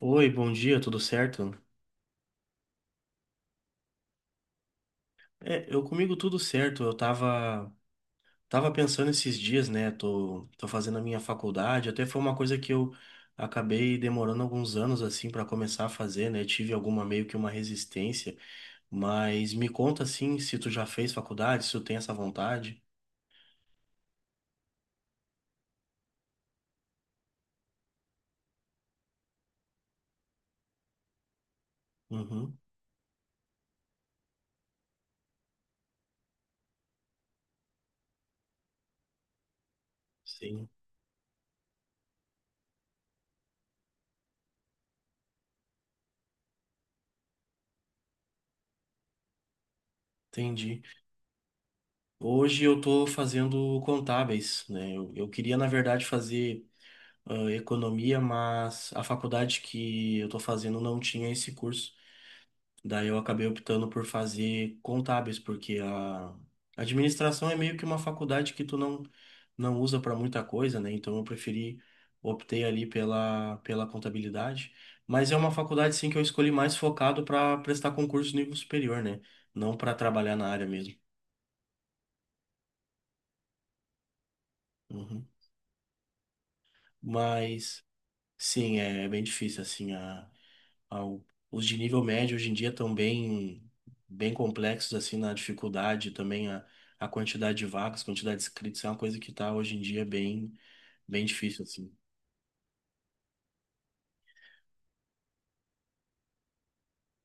Oi, bom dia, tudo certo? É, eu comigo tudo certo. Eu tava pensando esses dias, né? Tô fazendo a minha faculdade. Até foi uma coisa que eu acabei demorando alguns anos assim para começar a fazer, né? Tive alguma meio que uma resistência, mas me conta assim, se tu já fez faculdade, se tu tem essa vontade. Uhum, sim. Entendi. Hoje eu tô fazendo contábeis, né? Eu queria, na verdade, fazer economia, mas a faculdade que eu tô fazendo não tinha esse curso. Daí eu acabei optando por fazer contábeis, porque a administração é meio que uma faculdade que tu não usa para muita coisa, né? Então eu preferi, optei ali pela contabilidade. Mas é uma faculdade, sim, que eu escolhi mais focado para prestar concurso nível superior, né? Não para trabalhar na área mesmo. Uhum. Mas, sim, é bem difícil, assim, ao- os de nível médio hoje em dia estão bem complexos assim na dificuldade, também a quantidade de vagas, quantidade de inscritos é uma coisa que está hoje em dia bem difícil assim.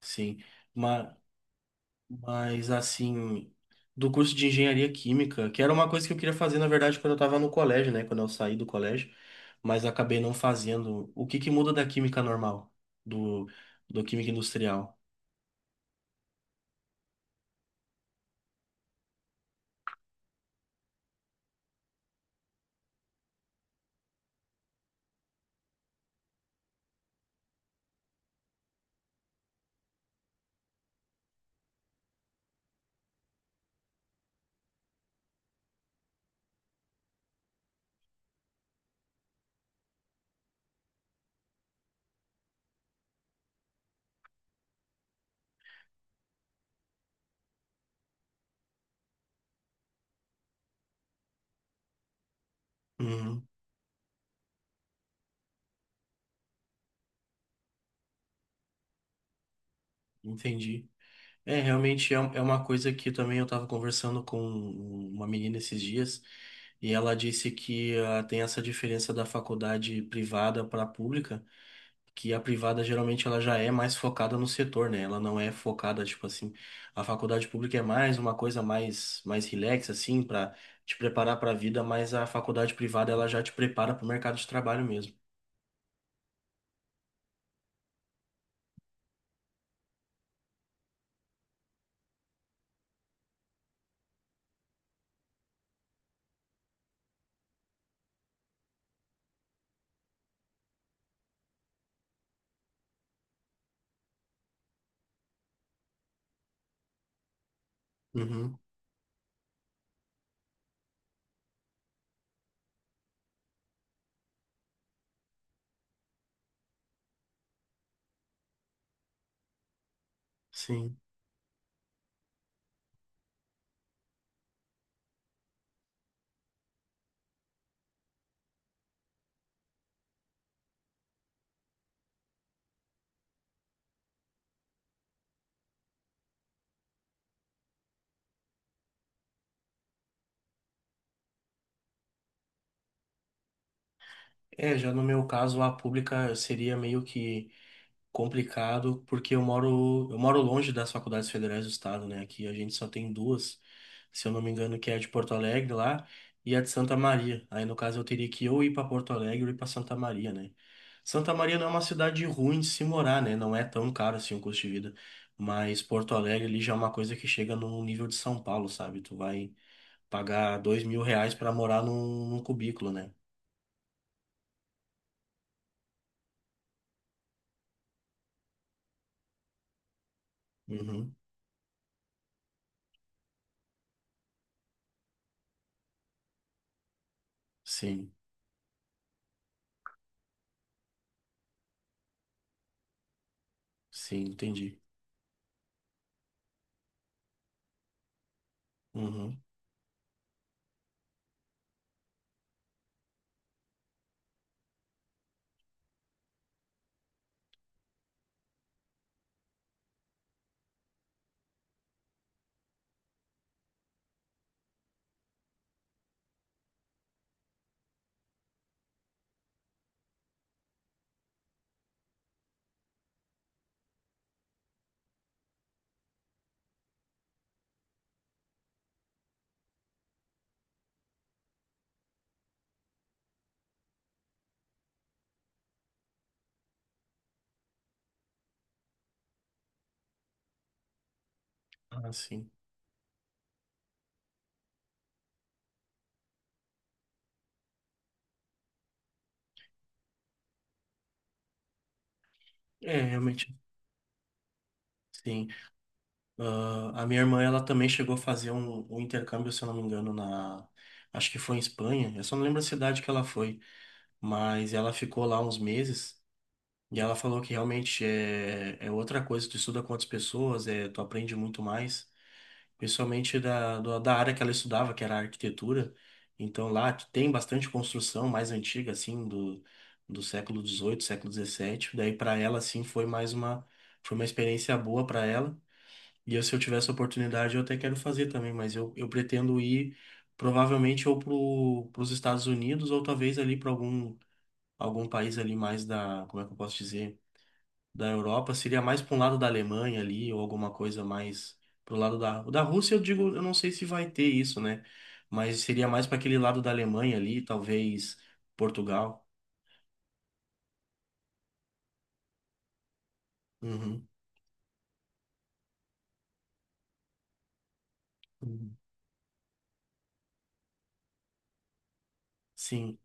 Sim, mas, mas assim, do curso de engenharia química, que era uma coisa que eu queria fazer, na verdade, quando eu estava no colégio, né? Quando eu saí do colégio, mas acabei não fazendo. O que que muda da química normal, do, do química industrial? Uhum, entendi. É, realmente é, um- é uma coisa que também eu estava conversando com uma menina esses dias e ela disse que tem essa diferença da faculdade privada para a pública, que a privada geralmente ela já é mais focada no setor, né? Ela não é focada, tipo assim, a faculdade pública é mais uma coisa mais relax assim, para te preparar para a vida, mas a faculdade privada ela já te prepara para o mercado de trabalho mesmo. Uhum, sim. É, já no meu caso, a pública seria meio que complicado, porque eu moro longe das faculdades federais do estado, né? Aqui a gente só tem duas, se eu não me engano, que é a de Porto Alegre lá e a de Santa Maria. Aí no caso eu teria que ou ir para Porto Alegre ou ir para Santa Maria, né? Santa Maria não é uma cidade ruim de se morar, né? Não é tão caro assim o custo de vida. Mas Porto Alegre ali já é uma coisa que chega no nível de São Paulo, sabe? Tu vai pagar 2.000 reais para morar num cubículo, né? Uhum. Sim, sim, entendi. Uhum. Ah, sim. É, realmente. Sim. Ah, a minha irmã, ela também chegou a fazer um intercâmbio, se eu não me engano, na... Acho que foi em Espanha. Eu só não lembro a cidade que ela foi. Mas ela ficou lá uns meses. E ela falou que realmente é outra coisa. Tu estuda com outras pessoas, é, tu aprende muito mais. Principalmente da área que ela estudava, que era a arquitetura. Então lá tem bastante construção mais antiga, assim, do século XVIII, século XVII. Daí para ela, assim, foi mais uma... Foi uma experiência boa para ela. E eu, se eu tivesse a oportunidade, eu até quero fazer também, mas eu pretendo ir provavelmente ou para os Estados Unidos ou talvez ali para algum país ali mais da, como é que eu posso dizer, da Europa. Seria mais para um lado da Alemanha ali ou alguma coisa mais pro lado da Rússia, eu digo, eu não sei se vai ter isso, né? Mas seria mais para aquele lado da Alemanha ali, talvez Portugal. Uhum. Uhum. Sim.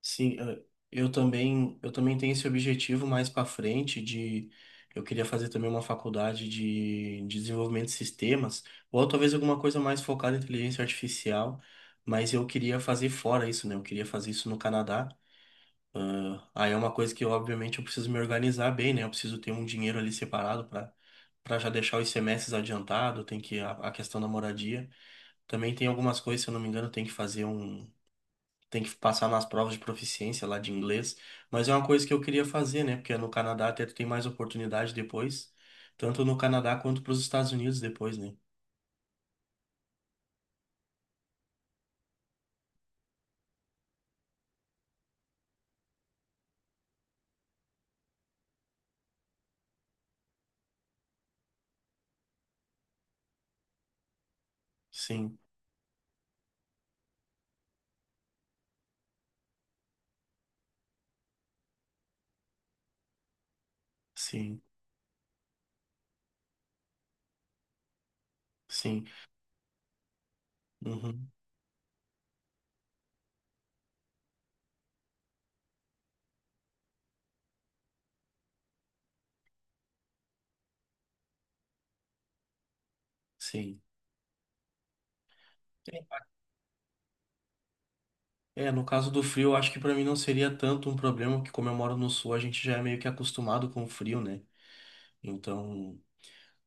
Sim, eh, eu também tenho esse objetivo mais para frente de eu queria fazer também uma faculdade de desenvolvimento de sistemas, ou talvez alguma coisa mais focada em inteligência artificial, mas eu queria fazer fora isso, né? Eu queria fazer isso no Canadá. Ah, aí é uma coisa que, obviamente, eu preciso me organizar bem, né? Eu preciso ter um dinheiro ali separado para já deixar os semestres adiantado, tem que a questão da moradia. Também tem algumas coisas, se eu não me engano, tem que fazer um tem que passar nas provas de proficiência lá de inglês, mas é uma coisa que eu queria fazer, né? Porque no Canadá até tu tem mais oportunidade depois, tanto no Canadá quanto para os Estados Unidos depois, né? Sim, sim, sim, uhum, sim. É, no caso do frio, eu acho que para mim não seria tanto um problema, porque como eu moro no sul, a gente já é meio que acostumado com o frio, né? Então,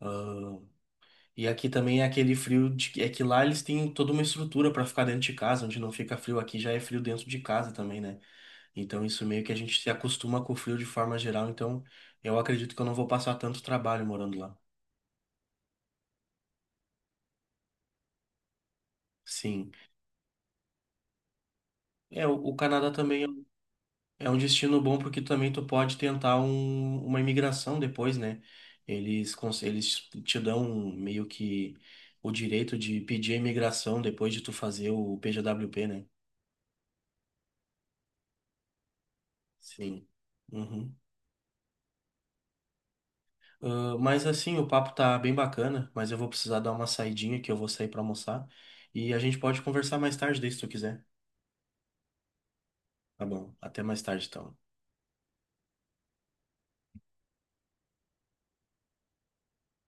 ah, e aqui também é aquele frio de que é que lá eles têm toda uma estrutura para ficar dentro de casa, onde não fica frio, aqui já é frio dentro de casa também, né? Então, isso meio que a gente se acostuma com o frio de forma geral. Então, eu acredito que eu não vou passar tanto trabalho morando lá. Sim. É, o Canadá também é um destino bom porque também tu pode tentar uma imigração depois, né? Eles te dão meio que o direito de pedir a imigração depois de tu fazer o PJWP, né? Sim. Uhum. Ah, mas assim, o papo tá bem bacana, mas eu vou precisar dar uma saidinha que eu vou sair pra almoçar. E a gente pode conversar mais tarde, daí, se tu quiser. Tá bom. Até mais tarde, então.